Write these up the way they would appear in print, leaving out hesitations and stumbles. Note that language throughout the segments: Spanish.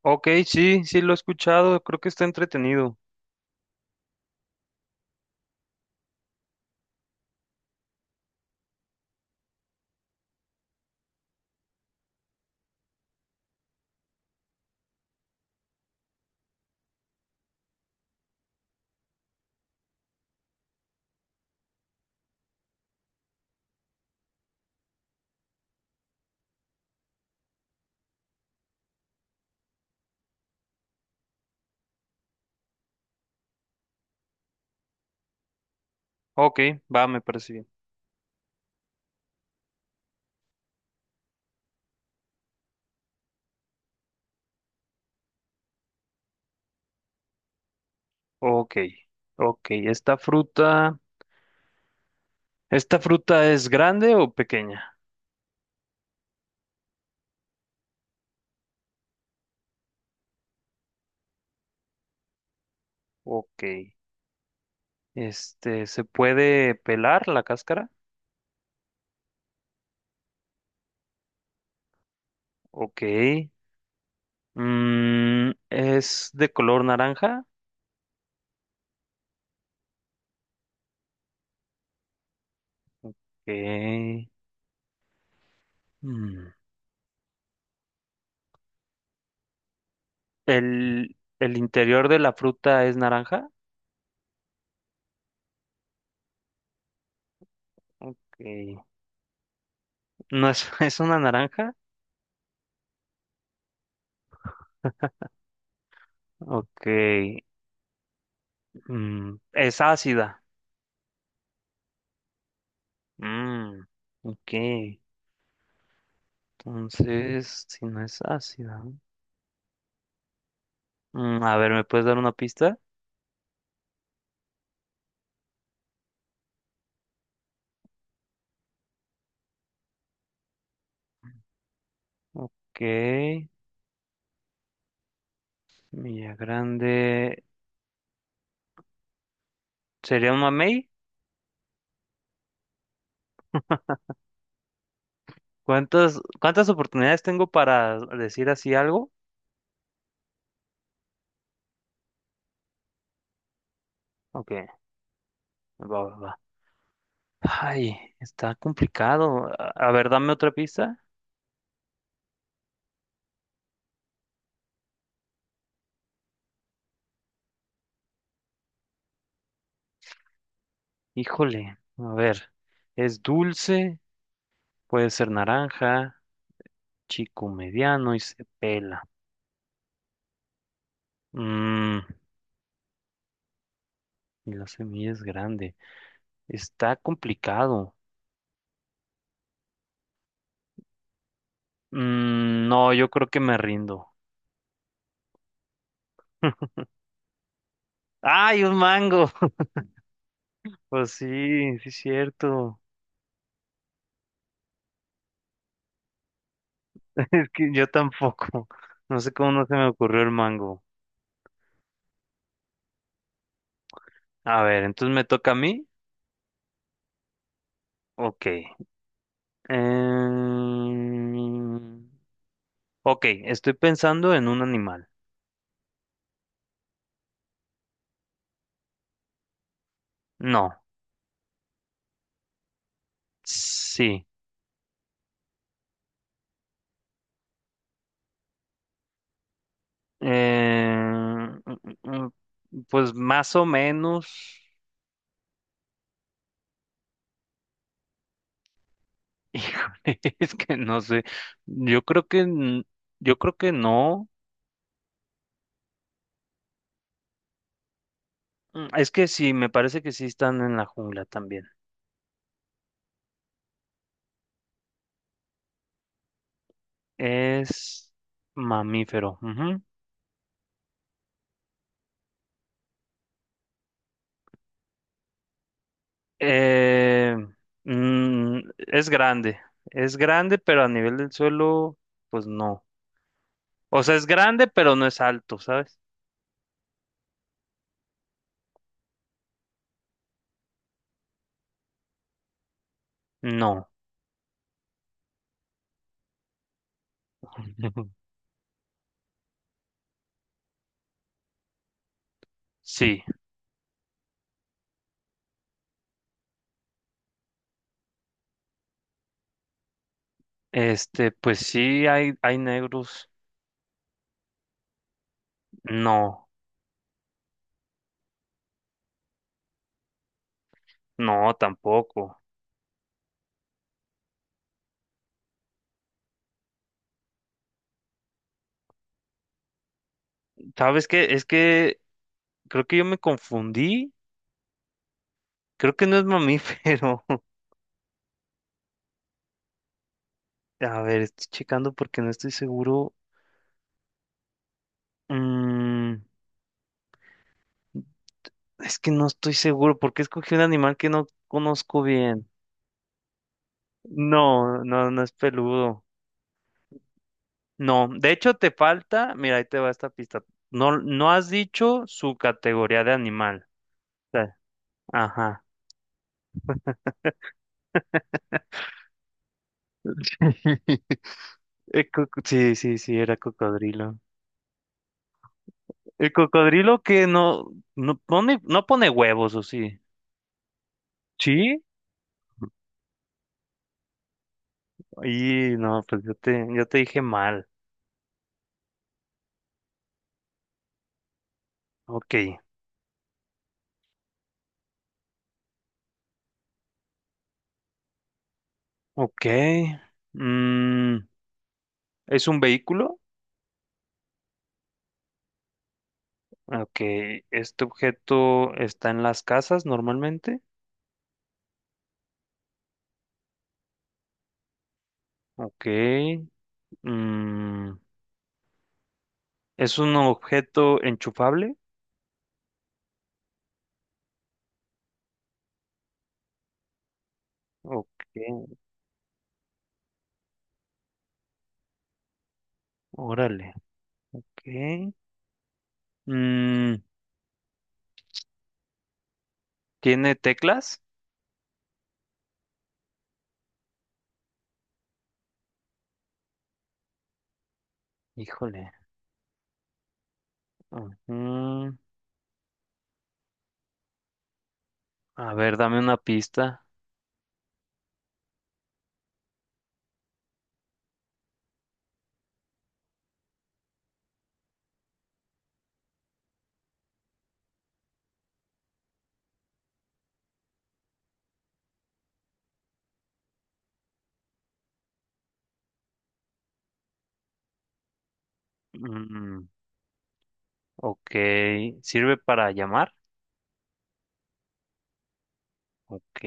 Ok, sí, sí lo he escuchado, creo que está entretenido. Ok, va, me parece bien. Ok, ok, ¿esta fruta es grande o pequeña? Ok, ¿se puede pelar la cáscara? Ok, ¿es de color naranja? Ok, mm, ¿el interior de la fruta es naranja? Ok, ¿no es, ¿es una naranja? Ok, ¿es ácida? Mm, ok. Entonces, si no es ácida. A ver, ¿me puedes dar una pista? Ok. Milla Grande. ¿Sería un mamey? ¿Cuántas oportunidades tengo para decir así algo? Ok, va, va, va. Ay, está complicado. A ver, dame otra pista. Híjole, a ver. Es dulce, puede ser naranja, chico mediano y se pela. Mm, y la semilla es grande. Está complicado. No, yo creo que me rindo. ¡Ay, un mango! Pues sí, sí es cierto. Es que yo tampoco. No sé cómo no se me ocurrió el mango. A ver, entonces me toca a mí. Ok. Em, Ok, estoy pensando en un animal. No, sí. Em, mm, mm, mm, Pues más o menos. Híjole, es que no sé. Yo creo que, n- yo creo que no. Es que sí, me parece que sí están en la jungla también. Es mamífero. Ujú. Eh, es grande. Es grande, pero a nivel del suelo, pues no. O sea, es grande, pero no es alto, ¿sabes? No. Sí. Pues sí, hay negros. No, no, tampoco. ¿Sabes qué? Es que creo que yo me confundí. Creo que no es mamífero. A ver, estoy checando porque no estoy seguro. Mm, es que no estoy seguro porque escogí un animal que no conozco bien. No, no, no es peludo. No, de hecho te falta, mira, ahí te va esta pista. No, no has dicho su categoría de animal. O sea, ajá. Sí, sí, sí, era cocodrilo. El cocodrilo que no pone huevos, ¿o sí? ¿Sí? Y no, pues yo te dije mal. Ok, ok. Mm, ¿Es un vehículo? Ok, este objeto está en las casas normalmente. Ok. Mm, ¿Es un objeto enchufable? Ok, órale. Ok. Mm, ¿Tiene teclas? Híjole. Ujú. A ver, dame una pista. Mm, ok, ¿sirve para llamar? Ok.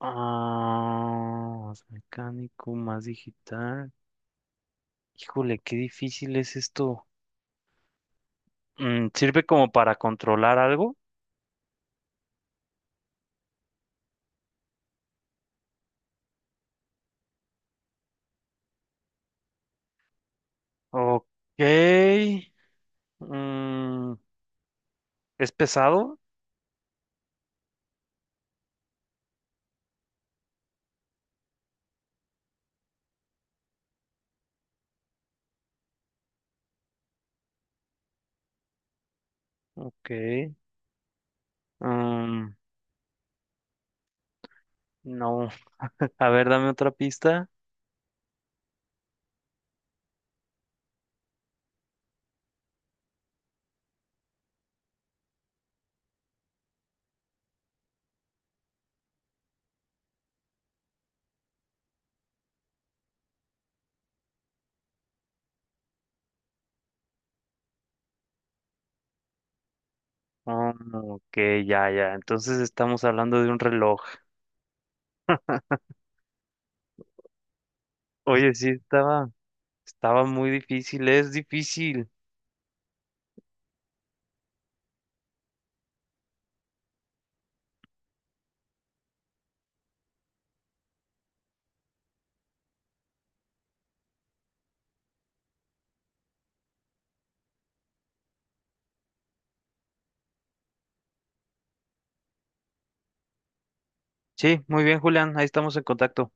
Ah, más mecánico, más digital. Híjole, qué difícil es esto. ¿Sirve como para controlar algo? Ok. Mm, ¿Es pesado? Ok. Mm, no. A ver, dame otra pista. Ah, ok, ya, ya. Entonces estamos hablando de un reloj. Oye, sí, estaba muy difícil, es difícil. Sí, muy bien, Julián, ahí estamos en contacto.